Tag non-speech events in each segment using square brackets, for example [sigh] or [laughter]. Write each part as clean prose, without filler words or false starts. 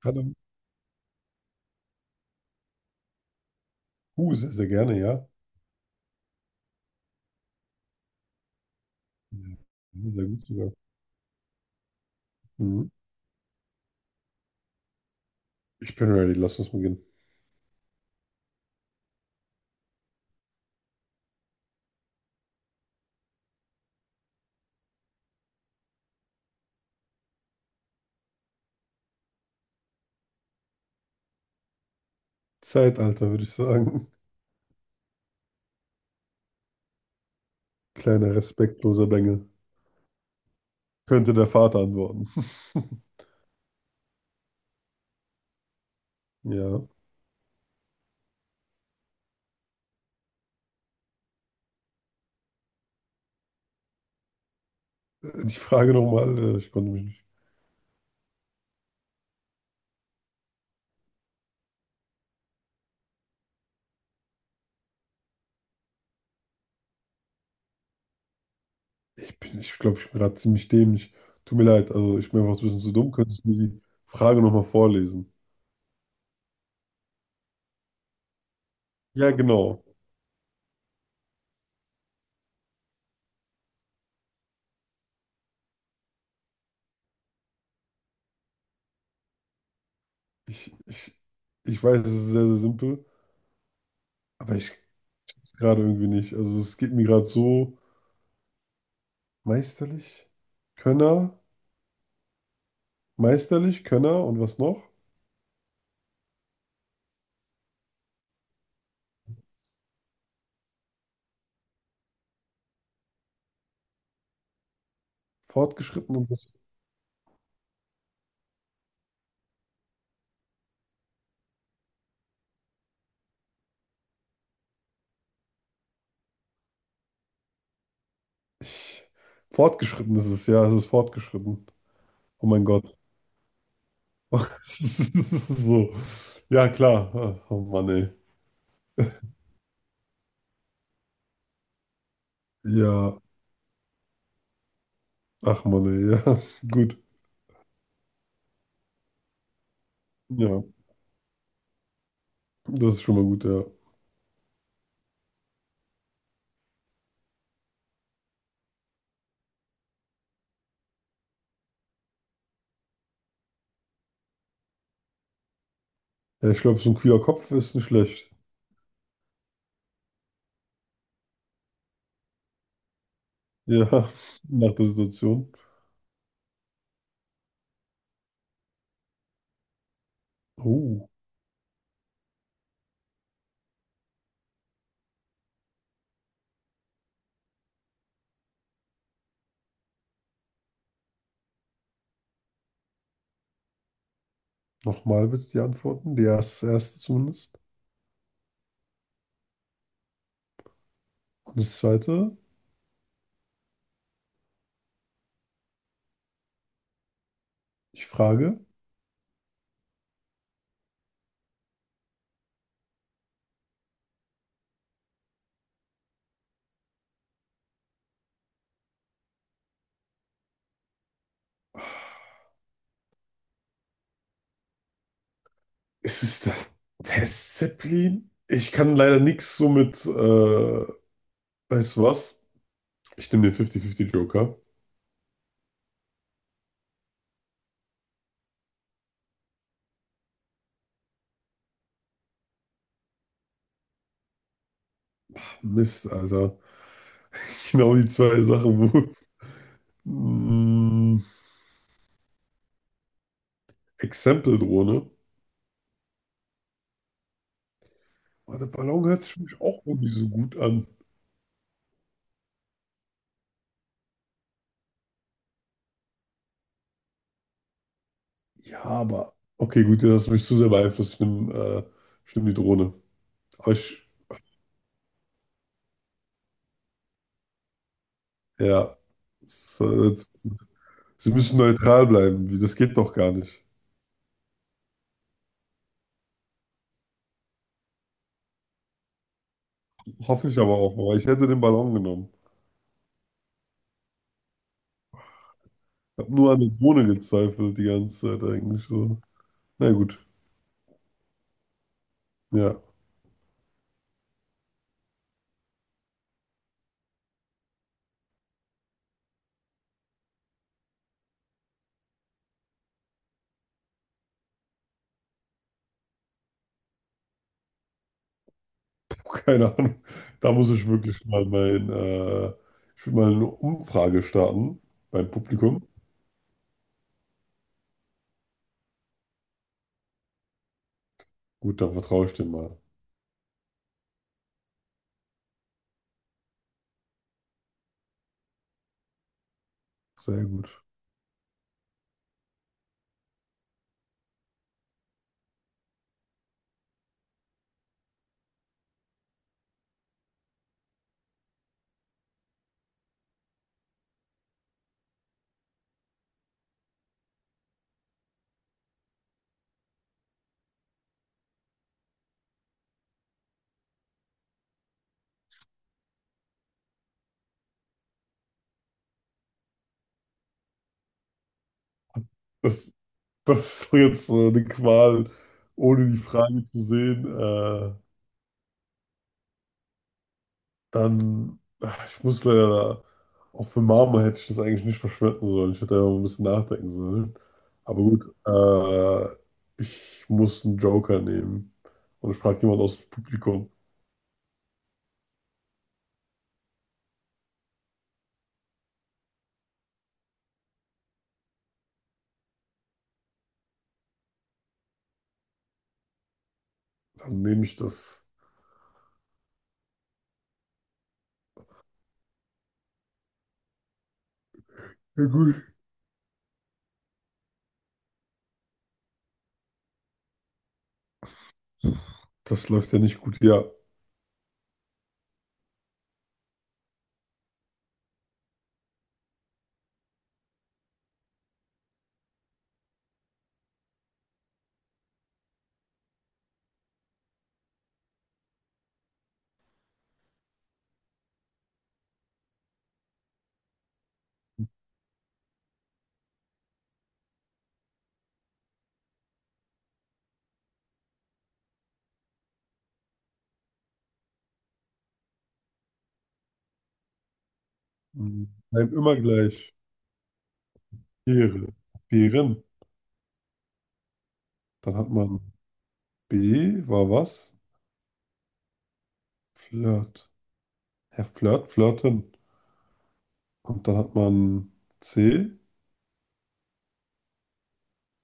Hallo. Sehr, sehr gerne, ja. Ja, sehr gut sogar. Mhm. Ich bin ready, lass uns beginnen. Zeitalter, würde ich sagen. [laughs] Kleiner respektloser Bengel. Könnte der Vater antworten. [laughs] Ja. Die Frage nochmal, ich konnte mich nicht. Ich glaube, ich bin gerade ziemlich dämlich. Tut mir leid, also ich bin einfach ein bisschen zu dumm. Könntest du die Frage nochmal vorlesen? Ja, genau. Ich, ich, ich weiß, es ist sehr, sehr simpel, aber ich kann es gerade irgendwie nicht. Also es geht mir gerade so meisterlich. Könner. Meisterlich, Könner und was noch? Fortgeschritten und was? Ich, fortgeschritten ist es, ja, es ist fortgeschritten. Oh mein Gott. [laughs] Es ist so. Ja, klar. Ach, oh Mann, ey. Ja, ach Mann, ey. Ja, [laughs] gut. Ja, das ist schon mal gut, ja. Ja, ich glaube, so ein kühler Kopf ist nicht schlecht. Ja, [laughs] nach der Situation. Oh, nochmal bitte die Antworten. Die erste zumindest. Und das zweite, ich frage. Ist es das Testzeppelin? Ich kann leider nichts so mit, weißt du was? Ich nehme den 50-50 Joker. Mist, Alter. [laughs] Genau die zwei Sachen, wo. Mm, Exempel-Drohne. Aber der Ballon hört sich für mich auch irgendwie so gut an. Ja, aber. Okay, gut, ja, das hast mich zu sehr beeinflusst. Ich nehm die Drohne. Aber ich. Ja. es- es- Sie müssen neutral bleiben. Wie, das geht doch gar nicht. Hoffe ich aber auch. Aber ich hätte den Ballon genommen. Ich habe nur an der Drohne gezweifelt die ganze Zeit eigentlich so. Na gut, ja, keine Ahnung. Da muss ich wirklich mal ich will mal eine Umfrage starten beim Publikum. Gut, dann vertraue ich dem mal. Sehr gut. Das, das ist doch jetzt eine Qual, ohne die Frage zu sehen. Dann, ach, ich muss leider, auch für Marmor hätte ich das eigentlich nicht verschwenden sollen. Ich hätte einfach ein bisschen nachdenken sollen. Aber gut, ich muss einen Joker nehmen. Und ich frage jemand aus dem Publikum. Dann nehme ich das. Ja, gut. Das läuft ja nicht gut. Ja. Hm, bleiben immer gleich. Beere. Beeren. Dann hat man B war was? Flirt. Herr Flirt, flirten. Und dann hat man C,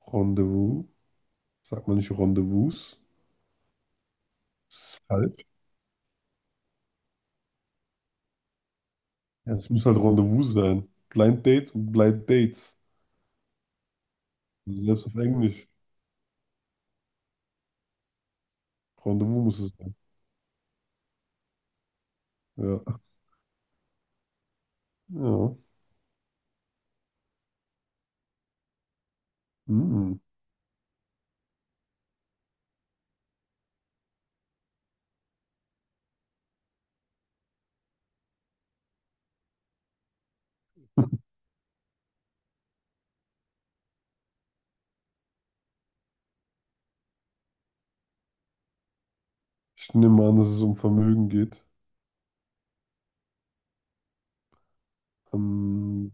Rendezvous. Sagt man nicht Rendezvous? Das ist falsch. Ja, es muss halt Rendezvous sein. Blind Dates und Blind Dates. Also selbst auf Englisch. Rendezvous muss es sein. Ja. Ja. Hm. Ich nehme an, dass es um Vermögen geht. Ähm,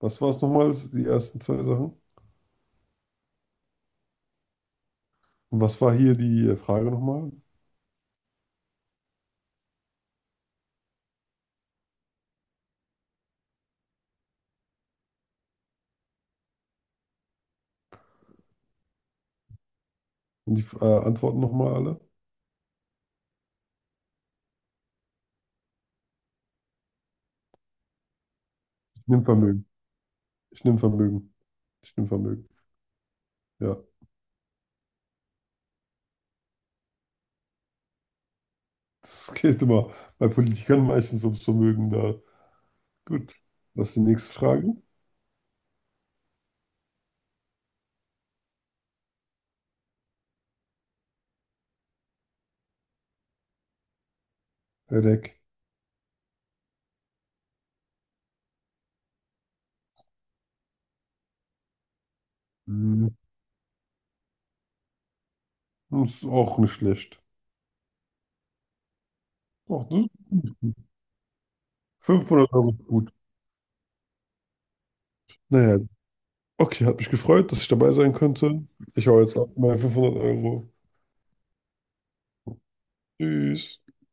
was war es nochmal, die ersten zwei Sachen? Und was war hier die Frage nochmal? Und die Antworten nochmal alle? Ich nehme Vermögen. Ich nehme Vermögen. Ich nehme Vermögen. Ja. Das [laughs] geht immer bei Politikern meistens ums Vermögen da. Gut. Was ist die nächste Frage? Herr Leck. Hm. Das ist auch nicht schlecht. Oh, das ist gut. 500 € ist gut. Naja, okay, hat mich gefreut, dass ich dabei sein konnte. Ich hau jetzt ab meine 500 Euro. Tschüss.